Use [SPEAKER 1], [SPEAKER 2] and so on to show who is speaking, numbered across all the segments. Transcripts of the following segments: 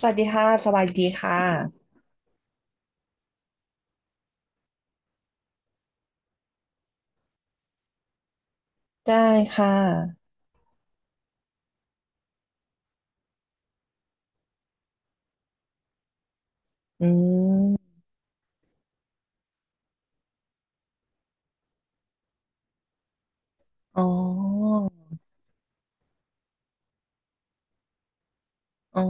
[SPEAKER 1] สวัสดีค่ะสวัสดีค่ะได้ค่ะอืมอ๋ออ๋อ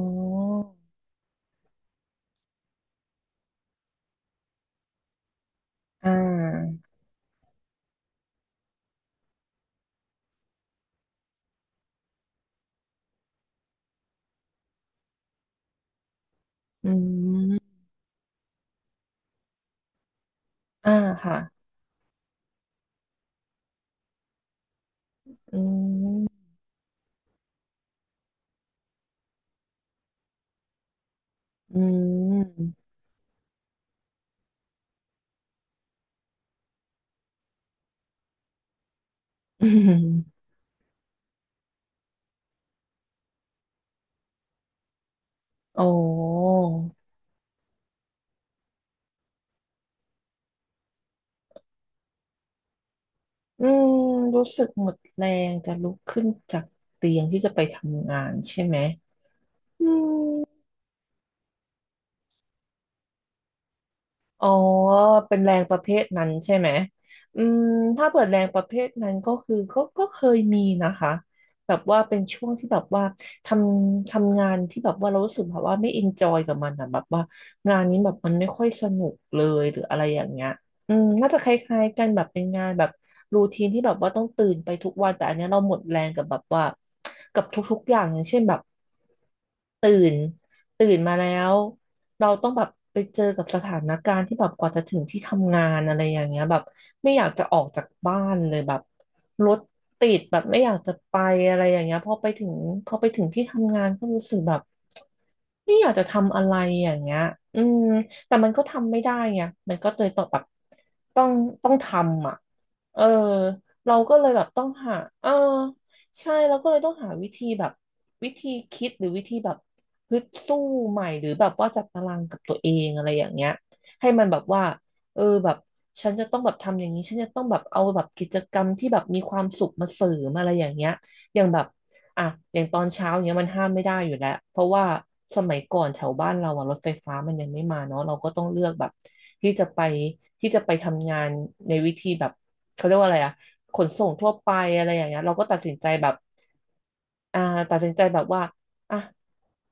[SPEAKER 1] อ่าอืมอ่าค่ะ อืมอืม อืมโอ้อืม รู้สึกหมดแรงจะลุกขึ้นจากเตียงที่จะไปทำงานใช่ไหมอืม อ๋อ เป็นแรงประเภทนั้นใช่ไหมอืมถ้าเปิดแรงประเภทนั้นก็คือก็เคยมีนะคะ แบบว่าเป็นช่วงที่แบบว่าททำงานที่แบบว่าเรารู้สึกแบบว่าไม่อินจอยกับมันอะแบบว่างานนี้แบบมันไม่ค่อยสนุกเลยหรืออะไรอย่างเงี้ย อืมน่าจะคล้ายๆกันแบบเป็นงานแบบรูทีนที่แบบว่าต้องตื่นไปทุกวันแต่อันเนี้ยเราหมดแรงกับแบบว่ากับทุกๆอย่างอย่างเช่นแบบตื่นตื่นมาแล้วเราต้องแบบไปเจอกับสถานการณ์ที่แบบกว่าจะถึงที่ทำงานอะไรอย่างเงี้ยแบบไม่อยากจะออกจากบ้านเลยแบบรถติดแบบไม่อยากจะไปอะไรอย่างเงี้ยพอไปถึงที่ทำงานก็รู้สึกแบบไม่อยากจะทำอะไรอย่างเงี้ยอืม แต่มันก็ทำไม่ได้ไงมันก็เลยต้องแบบต้องต้องทำอ่ะเออเราก็เลยแบบต้องหาเออใช่เราก็เลยต้องหาวิธีแบบวิธีคิดหรือวิธีแบบฮึดสู้ใหม่หรือแบบว่าจัดตารางกับตัวเองอะไรอย่างเงี้ยให้มันแบบว่าเออแบบฉันจะต้องแบบทำอย่างนี้ฉันจะต้องแบบเอาแบบกิจกรรมที่แบบมีความสุขมาเสริมอะไรอย่างเงี้ยอย่างแบบ อ่ะอย่างตอนเช้าเนี้ยมันห้ามไม่ได้อยู่แล้วเพราะว่าสมัยก่อนแถวบ้านเราอะรถไฟฟ้ามันยังไม่มาเนาะเราก็ต้องเลือกแบบที่จะไปที่จะไปทำงานในวิธีแบบเขาเรียกว่าอะไรอะขนส่งทั่วไปอะไรอย่างเงี้ยเราก็ตัดสินใจแบบอ่าตัดสินใจแบบว่าอ่ะ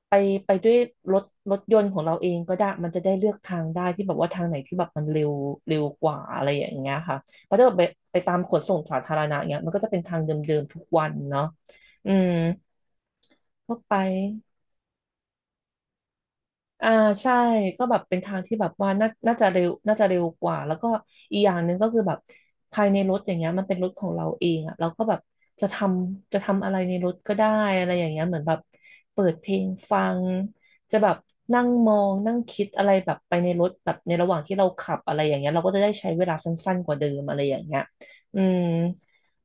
[SPEAKER 1] ไปไปด้วยรถรถยนต์ของเราเองก็ได้มันจะได้เลือกทางได้ที่แบบว่าทางไหนที่แบบมันเร็วเร็วกว่าอะไรอย่างเงี้ยค่ะเพราะถ้าแบบไปตามขนส่งสาธารณะเงี้ยมันก็จะเป็นทางเดิมๆทุกวันเนาะ อืมก็ไปอ่าใช่ก็แบบเป็นทางที่แบบว่าน่าจะเร็วกว่าแล้วก็อีกอย่างหนึ่งก็คือแบบภายในรถอย่างเงี้ยมันเป็นรถของเราเองอ่ะเราก็แบบจะทจะทำอะไรในรถก็ได้อะไรอย่างเงี้ยเหมือนแบบเปิดเพลงฟังจะแบบนั่งมองนั่งคิดอะไรแบบไปในรถแบบในระหว่างที่เราขับอะไรอย่างเงี้ยเราก็จะได้ใช้เวลาสั้นๆกว่าเดิมอะไรอย่างเงี้ยอืม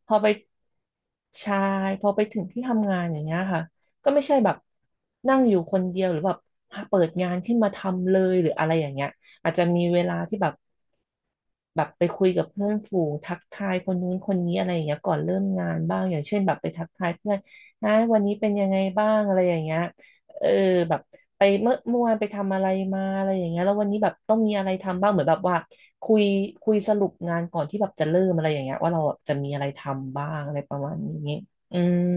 [SPEAKER 1] พอไป ใช่พอไปถึงที่ทำงานอย่างเงี้ยค่ะก็ไม่ใช่แบบนั่งอยู่คนเดียวหรือแบบเปิดงานขึ้นมาทำเลยหรืออะไรอย่างเงี้ยอาจจะมีเวลาที่แบบ แบบไปคุยกับเพื่อนฝูงทักทายคนนู้นคนนี้อะไรอย่างเงี้ยก่อนเริ่มงานบ้างอย่างเช่นแบบไปทักทายเพื่อนนะวันนี้เป็นยังไงบ้างอะไรอย่างเงี้ยเออแบบไปเมื่อวานไปทำอะไรมาอะไรอย่างเงี้ยแล้ววันนี้แบบต้องมีอะไรทำบ้างเหมือนแบบว่าคุยคุยสรุปงานก่อนที่แบบจะเริ่มอะไรอย่างเงี้ยว่าเราจะมีอะไรทำบ้างอะไรประมาณนี้อืม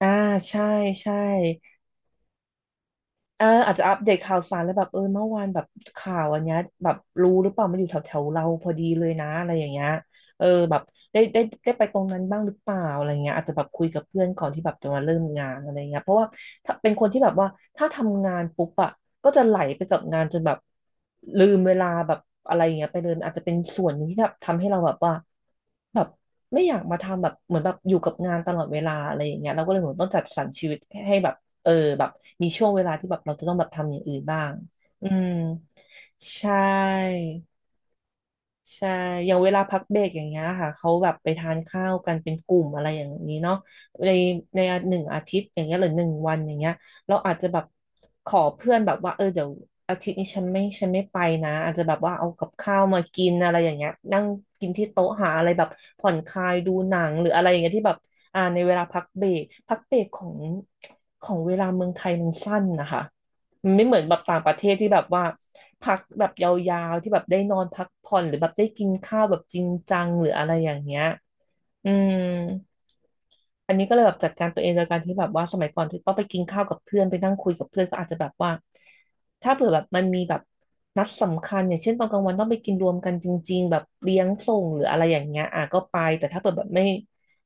[SPEAKER 1] อ่าใช่ใช่ เอออาจจะอัปเดตข่าวสารแล้วแบบเออเมื่อวานแบบข่าวอันเนี้ยแบบรู้หรือเปล่ามันอยู่แถวแถวเราพอดีเลยนะอะไรอย่างเงี้ยเออแบบได้ไปตรงนั้นบ้างหรือเปล่าอะไรเงี้ยอาจจะแบบคุยกับเพื่อนก่อนที่แบบจะมาเริ่มงานอะไรเงี้ยเพราะว่าถ้าเป็นคนที่แบบว่าถ้าทำงานปุ๊บอะก็จะไหลไปกับงานจนแบบลืมเวลาแบบอะไรเงี้ยไปเลยอาจจะเป็นส่วนหนึงที่แบบทำให้เราแบบว่าแบบไม่อยากมาทำแบบเหมือนแบบอยู่กับงานตลอดเวลาอะไรอย่างเงี้ยเราก็เลยเหมือนต้องจัดสรรชีวิตให้แบบ เออแบบมีช่วงเวลาที่แบบเราจะต้องแบบทำอย่างอื่นบ้างอืมใช่ ใช่อย่างเวลาพักเบรกอย่างเงี้ยค่ะเขาแบบไปทานข้าวกันเป็นกลุ่มอะไรอย่างนี้เนาะในในหนึ่งอาทิตย์อย่างเงี้ยหรือหนึ่งวันอย่างเงี้ยเราอาจจะแบบขอเพื่อนแบบว่าเออเดี๋ยวอาทิตย์นี้ฉันไม่ไปนะอาจจะแบบว่าเอากับข้าวมากินอะไรอย่างเงี้ยนั่งกินที่โต๊ะหาอะไรแบบผ่อนคลายดูหนังหรืออะไรอย่างเงี้ยที่แบบอ่าในเวลาพักเบรกของเวลาเมืองไทยมันสั้นนะคะ มันไม่เหมือนแบบต่างประเทศที่แบบว่าพักแบบยาวๆที่แบบได้นอนพักผ่อนหรือแบบได้กินข้าวแบบจริงจังหรืออะไรอย่างเงี้ยอืม อันนี้ก็เลยแบบจัดการตัวเองโดยการที่แบบว่าสมัยก่อนที่ต้องไปกินข้าวกับเพื่อนไปนั่งคุยกับเพื่อนก็อาจจะแบบว่าถ้าเผื่อแบบมันมีแบบนัดสำคัญอย่างเช่นตอนกลางวันต้องไปกินรวมกันจริงๆแบบเลี้ยงส่งหรืออะไรอย่างเงี้ยอ่ะก็ไปแต่ถ้าเผื่อแบบไม่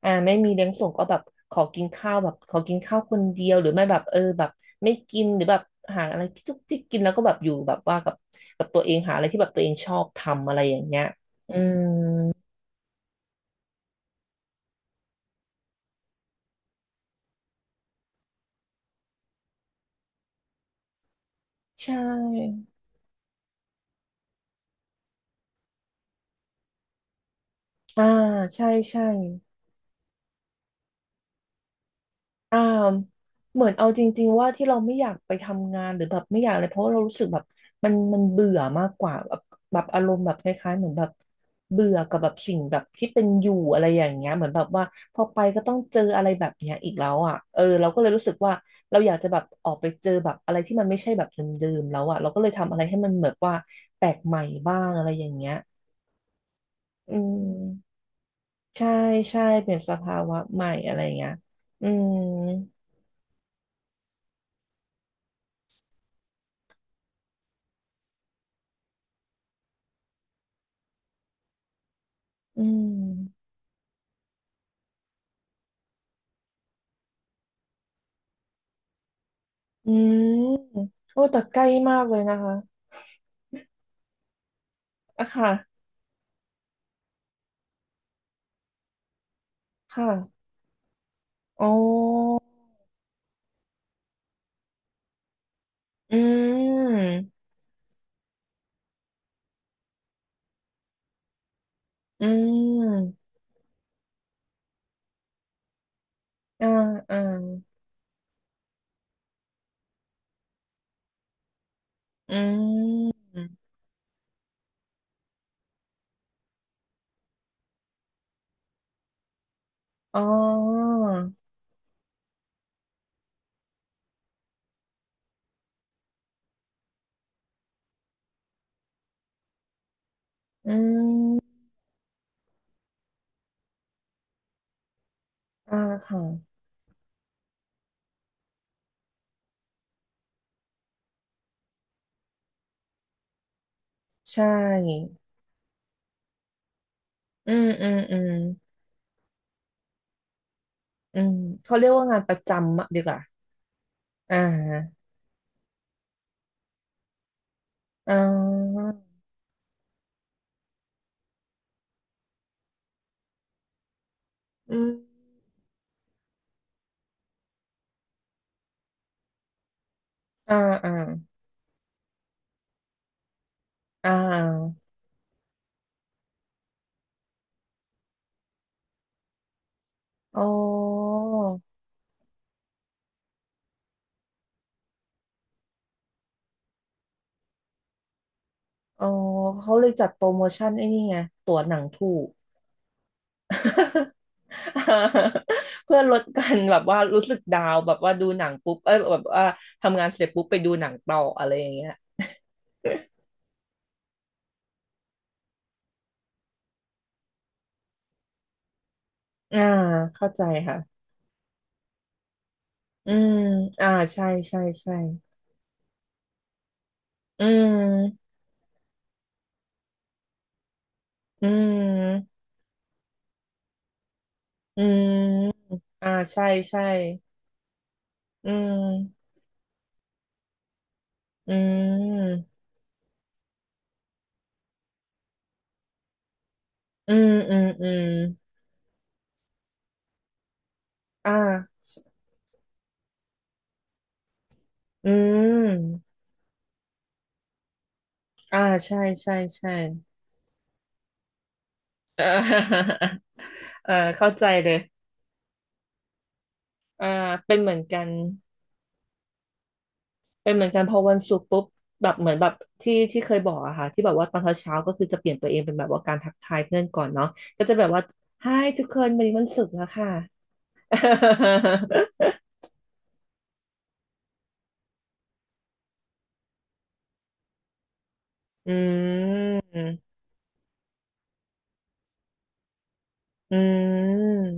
[SPEAKER 1] อ่าไม่มีเลี้ยงส่งก็แบบขอกินข้าวแบบขอกินข้าวคนเดียวหรือไม่แบบเออแบบไม่กินหรือแบบหาอะไรที่จุกจิกกินแล้วก็แบบอยู่แบบว่ากับตัวเองหาอะไรที่แบบตัวเองชอบทำอะไรอย่างเงี้ยอืมใช่อ่าใช่ใช่ อ่าเหมือนเอาจริงๆว่าที่เราไม่อยากไปทำงานหรือแบบไม่อยากอะไรเพราะว่าเรารู้สึกแบบมันเบื่อมากกว่าแบบแบบอารมณ์แบบคล้ายๆเหมือนแบบเบื่อกับแบบสิ่งแบบที่เป็นอยู่อะไรอย่างเงี้ยเหมือนแบบว่าพอไปก็ต้องเจออะไรแบบเนี้ยอีกแล้วอ่ะเออเราก็เลยรู้สึกว่าเราอยากจะแบบออกไปเจอแบบอะไรที่มันไม่ใช่แบบเดิมๆแล้วอ่ะเราก็เลยทำอะไรให้มันเหมือนว่าแปลกใหม่บ้างอะไรอย่างเงี้ยอืมใช่ใช่เปลี่ยนสภาวะใหม่อะไรอย่างเงี้ยอืมอืม อืมโอ้แต่ใกล้มากเลยนะคะอะค่ะค่ะอ๋ออืมอืมอ่าอ่าอืมอ๋ออืมอ่าค่ะใช่อืมอืมอืมอืมเขาเรียกว่างานประจำอะดีกว่าอ่าอ่าอืมอ่าอ่าอ่าอ๋ออ๋อเขาเลยจัดโปรโมชั่นไอ้นี่ไงตั๋วหนังถูก เพื่อลดการแบบว่ารู้สึกดาวน์แบบว่าดูหนังปุ๊บเอ้ยแบบว่าทำงานเสร็จปุ๊บไปดูหนังต่ออะไรอย่างเงี้ยอ่าเข้าใจค่ะอืมอ่าใช่ใช่ใช่อืมอืมอืมอ่าใช่ใช่อืมอืมอืมอืมอืมอ่าอืมอ่าใช่ใช่ใช่เออเออเข้าใจเลยอ่าเป็นเหมือนกัน เป็นเหมือนกันพอวันศุกร์ปุ๊บแบบเหมือนแบบที่เคยบอกอะค่ะที่แบบว่าตอนเช้าเช้าก็คือจะเปลี่ยนตัวเองเป็นแบบว่าการทักทายเพื่อนก่อนเนาะก็จะแบบว่า Hi ทุกคนวันนี้วันศุกร์แล้วค่ะ อืมอืม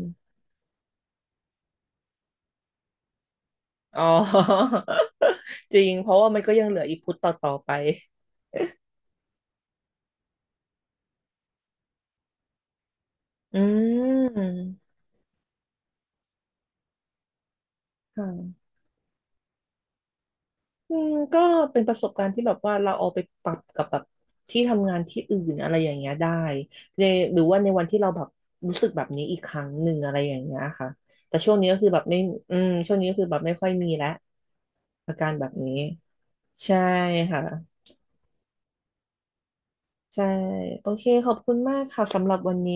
[SPEAKER 1] อ๋อ จริงเพราะว่ามันก็ยังเหลืออีกพุธต่อๆไปอืมค่ะ อืมก็เป็นประสบการณ์ที่แบบว่าเราเอาไปปรับกับแบบที่ทำงานที่อื่นอะไรอย่างเงี้ยได้ในหรือว่าในวันที่เราแบบรู้สึกแบบนี้อีกครั้งหนึ่งอะไรอย่างเงี้ยค่ะแต่ช่วงนี้ก็คือแบบไม่อืมช่วงนี้ก็คือแบบไม่ค่อยมีแล้วอาการแบบนี้ใช่ค่ะใช่โอเคขอบคุณมากค่ะสำหรับวันนี้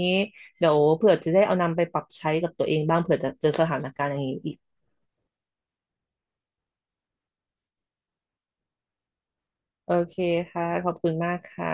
[SPEAKER 1] เดี๋ยวเผื่อจะได้เอานำไปปรับใช้กับตัวเองบ้างเผื่อจะเจอสถานการณ์อย่างนี้อีกโอเคค่ะขอบคุณมากค่ะ